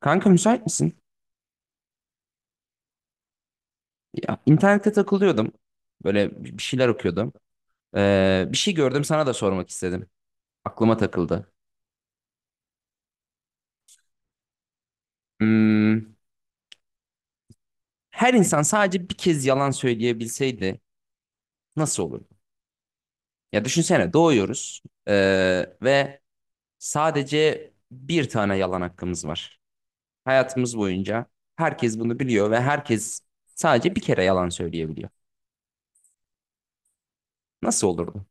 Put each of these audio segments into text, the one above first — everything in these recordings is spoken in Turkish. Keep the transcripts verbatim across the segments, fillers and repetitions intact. Kanka müsait misin? Ya, internette takılıyordum. Böyle bir şeyler okuyordum. Ee, bir şey gördüm, sana da sormak istedim. Aklıma takıldı. Hmm, Her insan sadece bir kez yalan söyleyebilseydi nasıl olurdu? Ya düşünsene, doğuyoruz ee, ve sadece bir tane yalan hakkımız var. Hayatımız boyunca herkes bunu biliyor ve herkes sadece bir kere yalan söyleyebiliyor. Nasıl olurdu?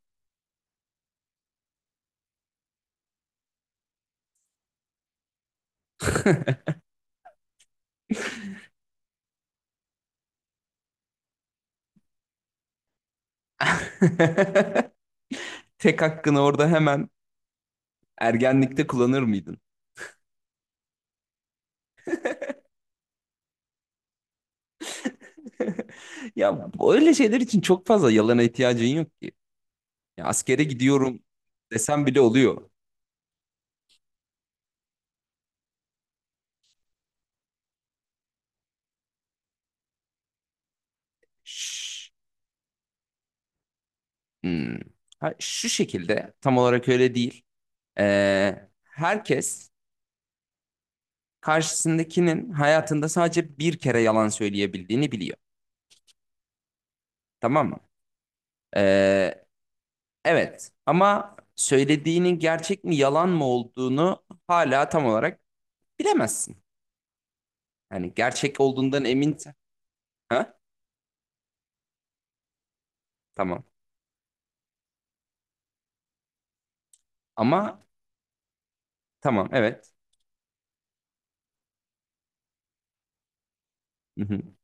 Tek hakkını orada hemen ergenlikte kullanır mıydın? Ya bu- öyle şeyler için çok fazla yalana ihtiyacın yok ki. Ya askere gidiyorum desem bile oluyor. Şş, hmm. Ha, şu şekilde tam olarak öyle değil. Ee, herkes karşısındakinin hayatında sadece bir kere yalan söyleyebildiğini biliyor. Tamam mı? Ee, evet, ama söylediğinin gerçek mi yalan mı olduğunu hala tam olarak bilemezsin. Yani gerçek olduğundan emin... Ha? Tamam. Ama tamam, evet.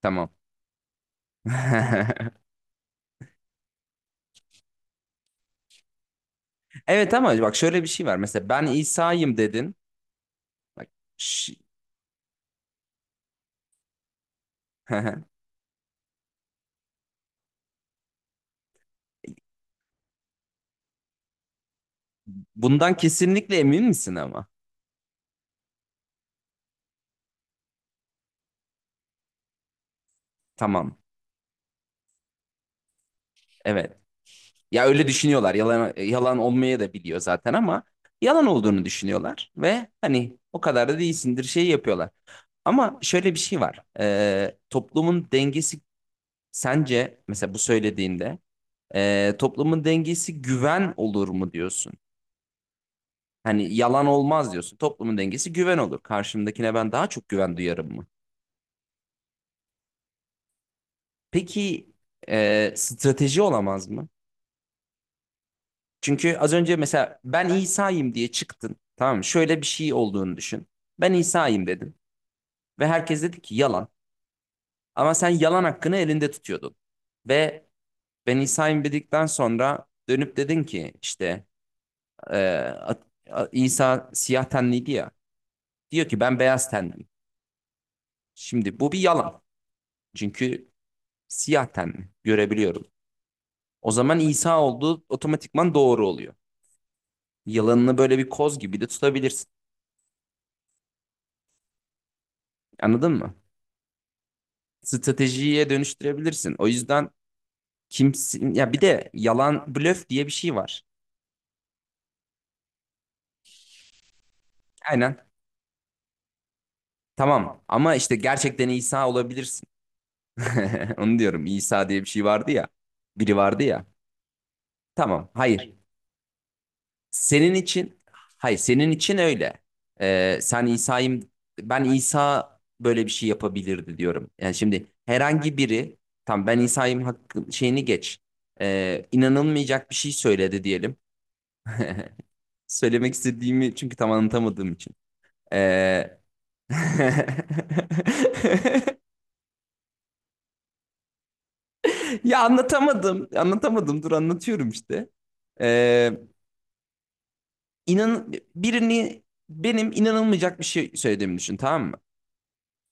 Tamam. Evet, ama bak, şöyle bir şey var. Mesela ben İsa'yım dedin. Bak, şş- Bundan kesinlikle emin misin ama? Tamam. Evet. Ya öyle düşünüyorlar. Yalan yalan olmaya da biliyor zaten, ama yalan olduğunu düşünüyorlar ve hani o kadar da değilsindir şey yapıyorlar. Ama şöyle bir şey var. Ee, toplumun dengesi, sence mesela bu söylediğinde ee, toplumun dengesi güven olur mu diyorsun? Hani yalan olmaz diyorsun. Toplumun dengesi güven olur. Karşımdakine ben daha çok güven duyarım mı? Peki e, strateji olamaz mı? Çünkü az önce mesela ben İsa'yım diye çıktın. Tamam mı? Şöyle bir şey olduğunu düşün. Ben İsa'yım dedin. Ve herkes dedi ki yalan. Ama sen yalan hakkını elinde tutuyordun. Ve ben İsa'yım dedikten sonra dönüp dedin ki işte e, İsa siyah tenliydi ya. Diyor ki ben beyaz tenliyim. Şimdi bu bir yalan. Çünkü siyah tenli. Görebiliyorum. O zaman İsa olduğu otomatikman doğru oluyor. Yalanını böyle bir koz gibi de tutabilirsin. Anladın mı? Stratejiye dönüştürebilirsin. O yüzden kimsin ya, bir de yalan blöf diye bir şey var. Aynen. Tamam, ama işte gerçekten İsa olabilirsin. Onu diyorum. İsa diye bir şey vardı ya. Biri vardı ya. Tamam. Hayır. Senin için, hayır senin için öyle. Ee, sen İsa'yım, ben İsa böyle bir şey yapabilirdi diyorum. Yani şimdi herhangi biri tam ben İsa'yım hakkı, şeyini geç. Ee, inanılmayacak bir şey söyledi diyelim. Söylemek istediğimi çünkü tam anlatamadığım için. Ee, Ya anlatamadım. Anlatamadım. Dur, anlatıyorum işte. Ee, inan birini, benim inanılmayacak bir şey söylediğimi düşün, tamam mı?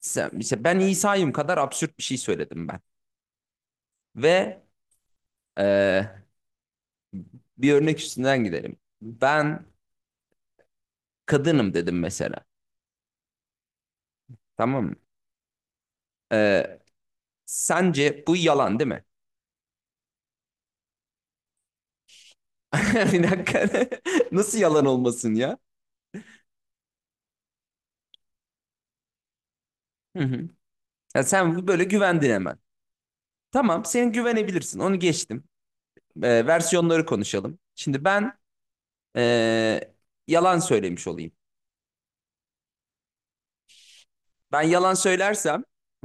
Sen- işte ben İsa'yım kadar absürt bir şey söyledim ben. Ve e, bir örnek üstünden gidelim. Ben kadınım dedim mesela. Tamam mı? E, Sence bu yalan değil mi? Bir dakika. Nasıl yalan olmasın ya? Hı hı. Ya sen böyle güvendin hemen. Tamam, sen güvenebilirsin. Onu geçtim. E, versiyonları konuşalım. Şimdi ben e, yalan söylemiş olayım. Ben yalan söylersem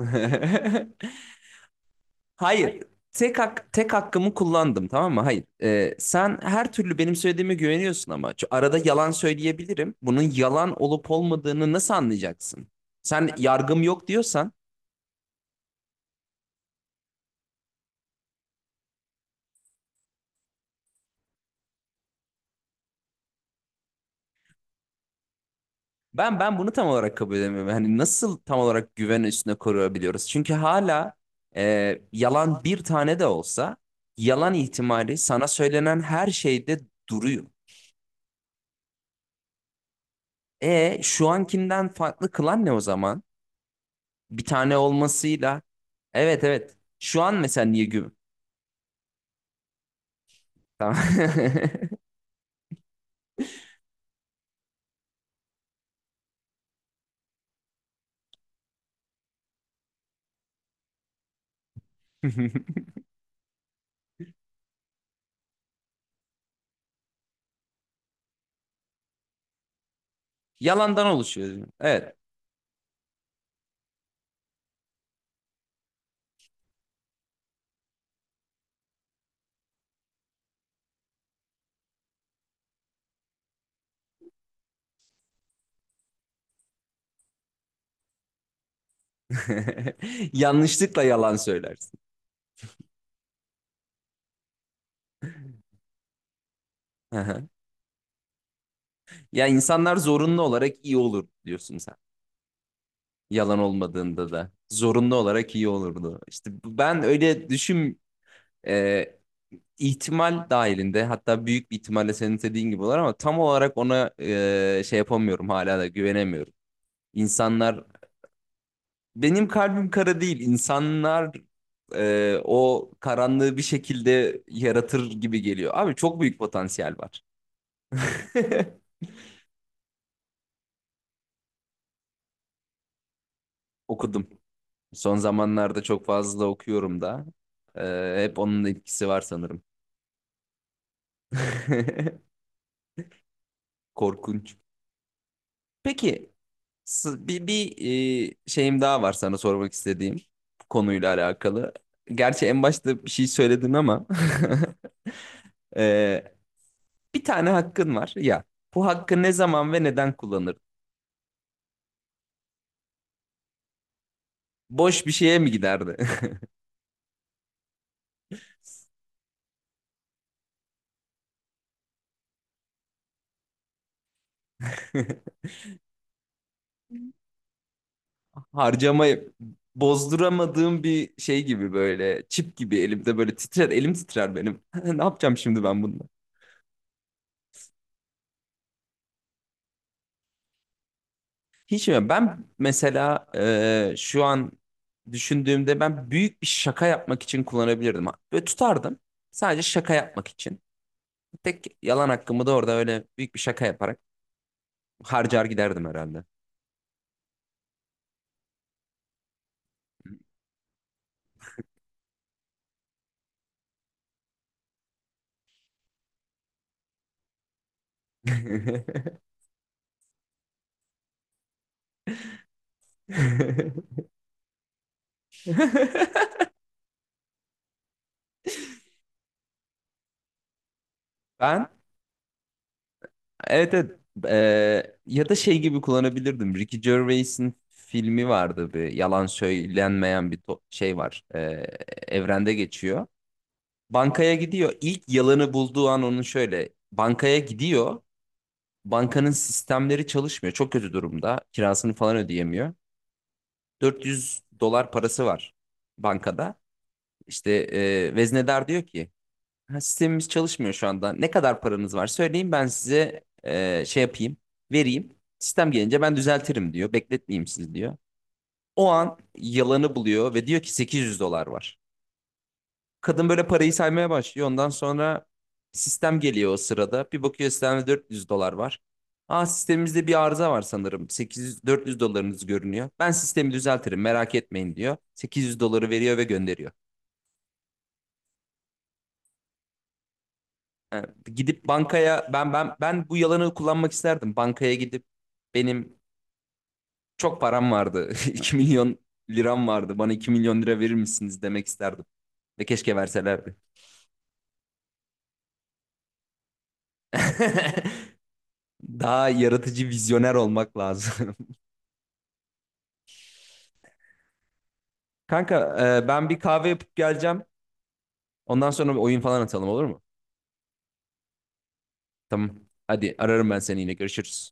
hayır. Tek hak, tek hakkımı kullandım, tamam mı? Hayır. Ee, sen her türlü benim söylediğime güveniyorsun, ama şu arada yalan söyleyebilirim. Bunun yalan olup olmadığını nasıl anlayacaksın? Sen yargım yok diyorsan ben ben bunu tam olarak kabul edemiyorum. Hani nasıl tam olarak güven üstüne koruyabiliyoruz? Çünkü hala e, yalan bir tane de olsa yalan ihtimali sana söylenen her şeyde duruyor. E şu ankinden farklı kılan ne o zaman? Bir tane olmasıyla. Evet, evet. Şu an mesela niye güm? Tamam. Yalandan oluşuyor. Evet. Yanlışlıkla yalan söylersin. Hı hı. Ya insanlar zorunlu olarak iyi olur diyorsun sen. Yalan olmadığında da zorunlu olarak iyi olurdu. İşte ben öyle düşün, e, ihtimal dahilinde, hatta büyük bir ihtimalle senin dediğin gibi olur, ama tam olarak ona e, şey yapamıyorum, hala da güvenemiyorum. İnsanlar... Benim kalbim kara değil. İnsanlar e, o karanlığı bir şekilde yaratır gibi geliyor. Abi, çok büyük potansiyel var. Okudum. Son zamanlarda çok fazla okuyorum da. E, hep onun etkisi var sanırım. Korkunç. Peki, s- bir, bir e, şeyim daha var sana sormak istediğim, konuyla alakalı. Gerçi en başta bir şey söyledin ama e, bir tane hakkın var ya. Bu hakkı ne zaman ve neden kullanırdın? Boş bir şeye mi giderdi? Harcamayı bozduramadığım bir şey gibi, böyle çip gibi elimde, böyle titrer elim, titrer benim. Ne yapacağım şimdi ben bununla? Hiç mi? Ben mesela e, şu an düşündüğümde ben büyük bir şaka yapmak için kullanabilirdim. Böyle tutardım. Sadece şaka yapmak için. Tek yalan hakkımı da orada öyle büyük bir şaka yaparak harcar giderdim herhalde. Ben... Evet, evet. Ee, ya da şey gibi kullanabilirdim. Ricky Gervais'in filmi vardı, bir yalan söylenmeyen bir to- şey var. Ee, evrende geçiyor. Bankaya gidiyor. İlk yalanı bulduğu an onun şöyle. Bankaya gidiyor. Bankanın sistemleri çalışmıyor. Çok kötü durumda. Kirasını falan ödeyemiyor. dört yüz dolar parası var bankada. İşte e, veznedar diyor ki, ha, sistemimiz çalışmıyor şu anda. Ne kadar paranız var söyleyin, ben size e, şey yapayım, vereyim. Sistem gelince ben düzeltirim diyor. Bekletmeyeyim sizi diyor. O an yalanı buluyor ve diyor ki sekiz yüz dolar var. Kadın böyle parayı saymaya başlıyor. Ondan sonra sistem geliyor o sırada. Bir bakıyor, sistemde dört yüz dolar var. Aa, sistemimizde bir arıza var sanırım. sekiz yüz dört yüz dolarınız görünüyor. Ben sistemi düzeltirim, merak etmeyin diyor. sekiz yüz doları veriyor ve gönderiyor. Evet, gidip bankaya ben ben ben bu yalanı kullanmak isterdim. Bankaya gidip benim çok param vardı. iki milyon liram vardı. Bana iki milyon lira verir misiniz demek isterdim. Ve keşke verselerdi. Daha yaratıcı, vizyoner olmak lazım. Kanka, e, ben bir kahve yapıp geleceğim. Ondan sonra bir oyun falan atalım, olur mu? Tamam. Hadi, ararım ben seni yine. Görüşürüz.